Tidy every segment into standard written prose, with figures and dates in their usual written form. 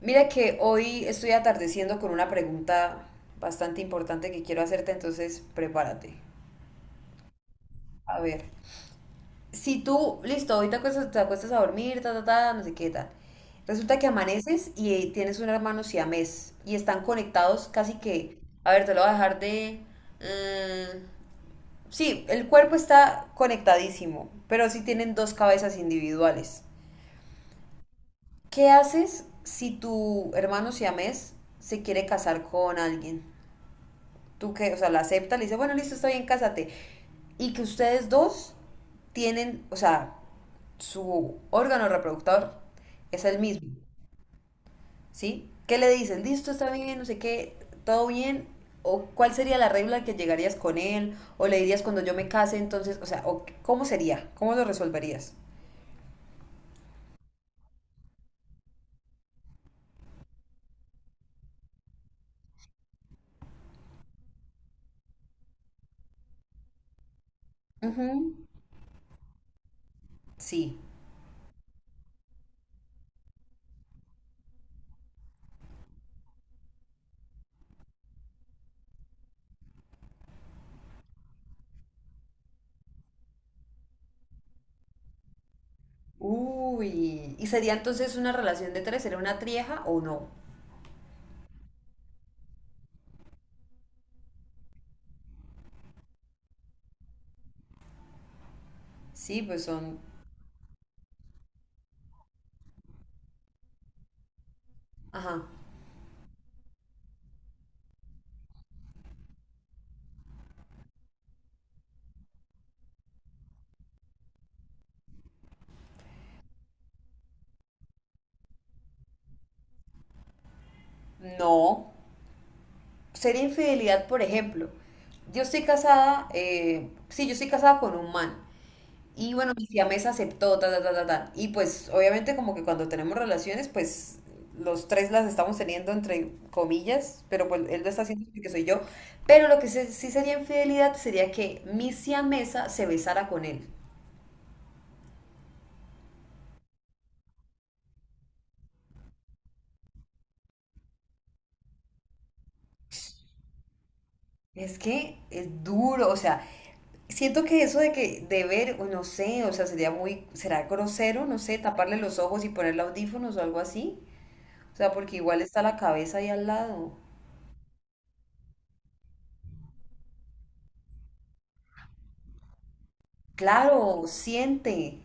Mira que hoy estoy atardeciendo con una pregunta bastante importante que quiero hacerte, entonces prepárate. A ver, si tú, listo, hoy te acuestas, a dormir, ta, ta, ta, no sé qué tal. Resulta que amaneces y tienes un hermano siamés y están conectados casi que, a ver, te lo voy a dejar de... mm, sí, el cuerpo está conectadísimo, pero sí tienen dos cabezas individuales. ¿Qué haces si tu hermano siamés se quiere casar con alguien? Tú que, o sea, la acepta, le dice, bueno, listo, está bien, cásate. Y que ustedes dos tienen, o sea, su órgano reproductor es el mismo, ¿sí? ¿Qué le dices? Listo, está bien, no sé qué, todo bien. ¿O cuál sería la regla que llegarías con él? ¿O le dirías cuando yo me case, entonces, o sea, o cómo sería? ¿Cómo lo resolverías? Ujú. Sí. Uy. ¿Y sería entonces una relación de tres? ¿Sería una trieja o no? Sí, pues son... Ajá. No. Sería infidelidad, por ejemplo. Yo estoy casada, sí, yo estoy casada con un man. Y bueno, mi siamesa aceptó, ta, ta, ta, ta, ta. Y pues, obviamente, como que cuando tenemos relaciones, pues los tres las estamos teniendo entre comillas, pero pues él lo está haciendo porque soy yo. Pero sí sería infidelidad sería que mi siamesa se besara con él. Es que es duro, o sea, siento que eso de ver, o no sé, o sea, sería muy, será grosero, no sé, taparle los ojos y ponerle audífonos o algo así. O sea, porque igual está la cabeza ahí al lado. Claro, siente.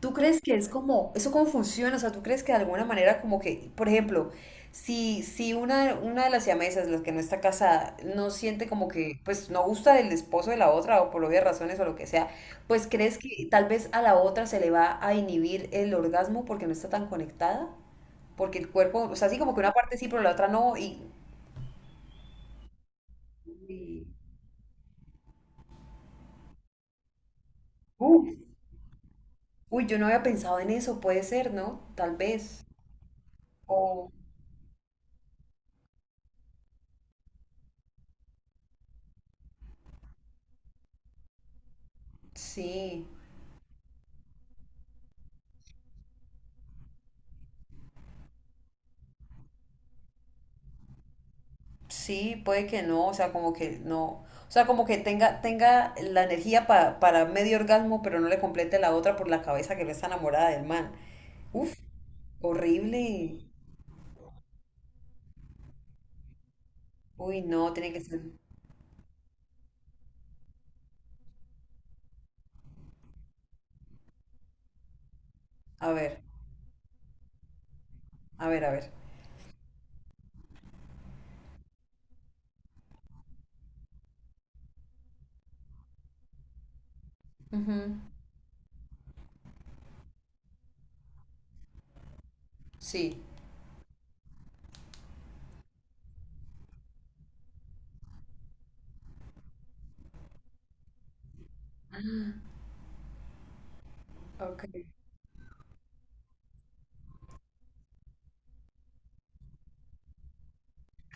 ¿Tú crees que es como, eso cómo funciona? O sea, ¿tú crees que de alguna manera como que, por ejemplo, si una de las siamesas, las que no está casada, no siente como que, pues no gusta del esposo de la otra o por obvias razones o lo que sea, pues crees que tal vez a la otra se le va a inhibir el orgasmo porque no está tan conectada? Porque el cuerpo, o sea, así como que una parte sí, pero la otra no, y... y- uf, uy, yo no había pensado en eso, puede ser, ¿no? Tal vez. O sí. Sí, puede que no, o sea, como que no, o sea, como que tenga, tenga la energía para medio orgasmo, pero no le complete la otra por la cabeza que no está enamorada del man. Uf, horrible. Uy, no, tiene que ser. A ver, a ver, a ver. Ujú, sí, ok,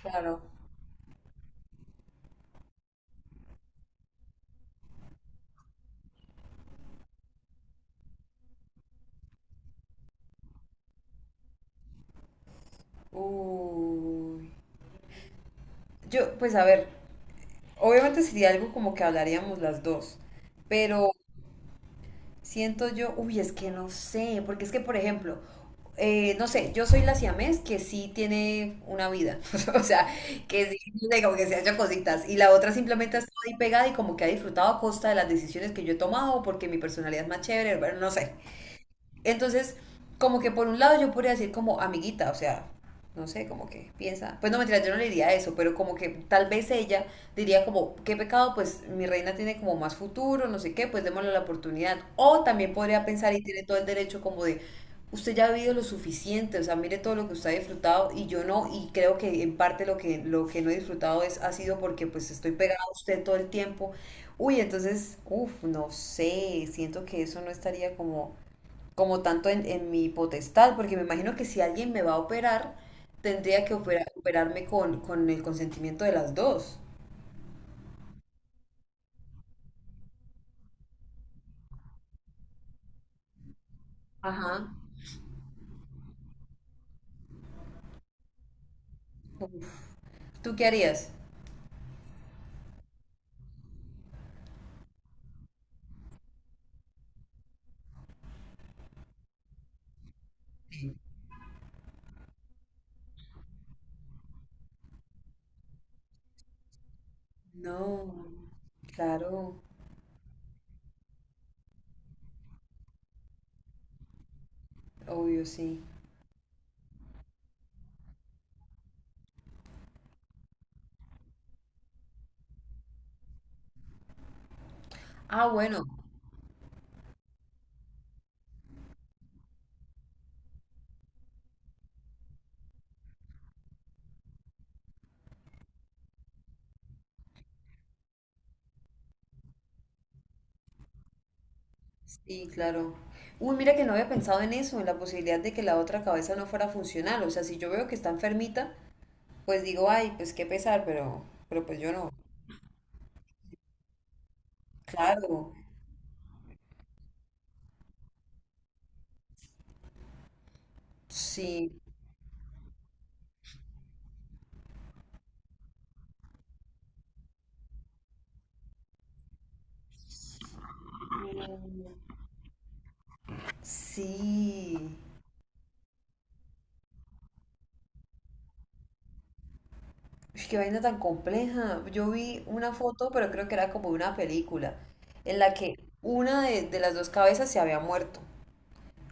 claro. Uy. Yo, pues a ver, obviamente sería algo como que hablaríamos las dos, pero siento yo, uy, es que no sé, porque es que, por ejemplo, no sé, yo soy la siamés que sí tiene una vida, o sea, que sí, tiene como que se ha hecho cositas, y la otra simplemente ha estado ahí pegada y como que ha disfrutado a costa de las decisiones que yo he tomado, porque mi personalidad es más chévere, bueno, no sé. Entonces, como que por un lado yo podría decir como amiguita, o sea, no sé, como que piensa, pues no mentira, yo no le diría eso, pero como que tal vez ella diría como, qué pecado, pues mi reina tiene como más futuro, no sé qué, pues démosle la oportunidad. O también podría pensar y tiene todo el derecho como de, usted ya ha vivido lo suficiente, o sea, mire todo lo que usted ha disfrutado y yo no, y creo que en parte lo que no he disfrutado es, ha sido porque pues estoy pegada a usted todo el tiempo. Uy, entonces, uff, no sé, siento que eso no estaría como como tanto en mi potestad, porque me imagino que si alguien me va a operar, tendría que operarme con el consentimiento de las dos. Ajá. Uf, ¿tú qué harías? No, claro, obvio, sí. Ah, bueno, sí, claro. Uy, mira que no había pensado en eso, en la posibilidad de que la otra cabeza no fuera funcional. O sea, si yo veo que está enfermita, pues digo, ay, pues qué pesar, pero pues yo no. Claro, sí, sí. Ush, qué vaina tan compleja. Yo vi una foto, pero creo que era como una película, en la que una de las dos cabezas se había muerto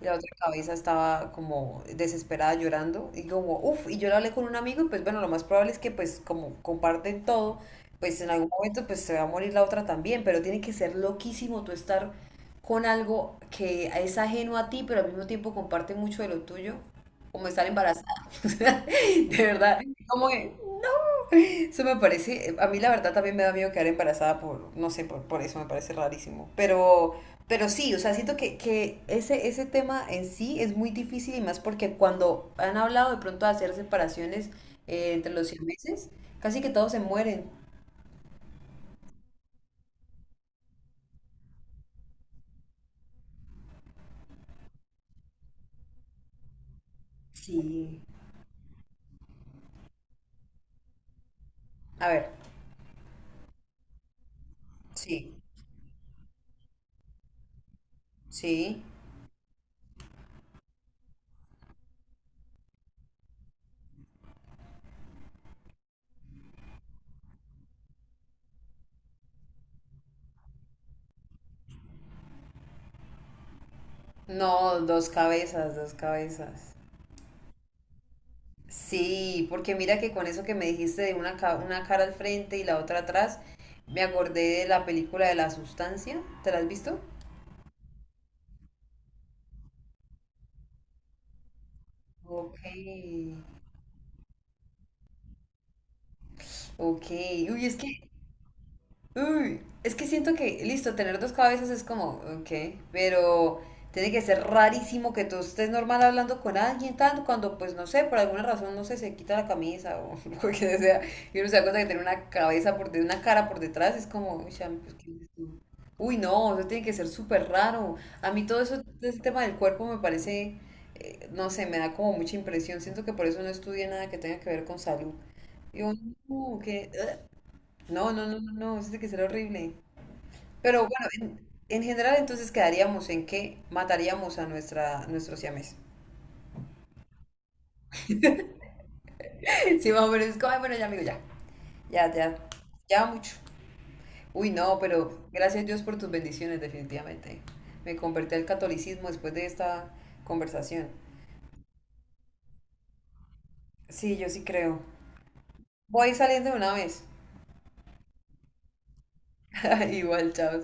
y la otra cabeza estaba como desesperada llorando y como, uff, y yo lo hablé con un amigo y pues bueno, lo más probable es que pues como comparten todo, pues en algún momento pues se va a morir la otra también, pero tiene que ser loquísimo tú estar con algo que es ajeno a ti, pero al mismo tiempo comparte mucho de lo tuyo, como estar embarazada. O sea, de verdad, como que eso me parece, a mí la verdad también me da miedo quedar embarazada por, no sé, por eso me parece rarísimo. Pero sí, o sea, siento que ese tema en sí es muy difícil y más porque cuando han hablado de pronto de hacer separaciones entre los siameses, casi que todos se mueren. Sí. A ver, sí, sí. No, dos cabezas, dos cabezas. Sí, porque mira que con eso que me dijiste de una, una cara al frente y la otra atrás, me acordé de la película de La Sustancia. ¿Te la has visto? Ok, ok. Uy, es que uy, es que siento que, listo, tener dos cabezas es como, ok, pero tiene que ser rarísimo que tú estés normal hablando con alguien tanto cuando, pues no sé, por alguna razón, no sé, se quita la camisa o lo que sea, y uno se da cuenta que tiene una cabeza por de una cara por detrás, es como, uy, chamo, pues, ¿qué es esto? Uy, no, eso tiene que ser súper raro. A mí todo eso, ese tema del cuerpo me parece, no sé, me da como mucha impresión. Siento que por eso no estudié nada que tenga que ver con salud. Y uno, como que, no, no, no, no, no, eso tiene que ser horrible. Pero bueno, en general entonces quedaríamos en que mataríamos a nuestra, nuestro siamés. Sí, más o menos, es como, "Ay, bueno, ya amigo, ya, ya, ya, ya mucho." Uy, no, pero gracias Dios por tus bendiciones, definitivamente. Me convertí al catolicismo después de esta conversación. Sí, yo sí creo. Voy saliendo de una vez. Igual, chao.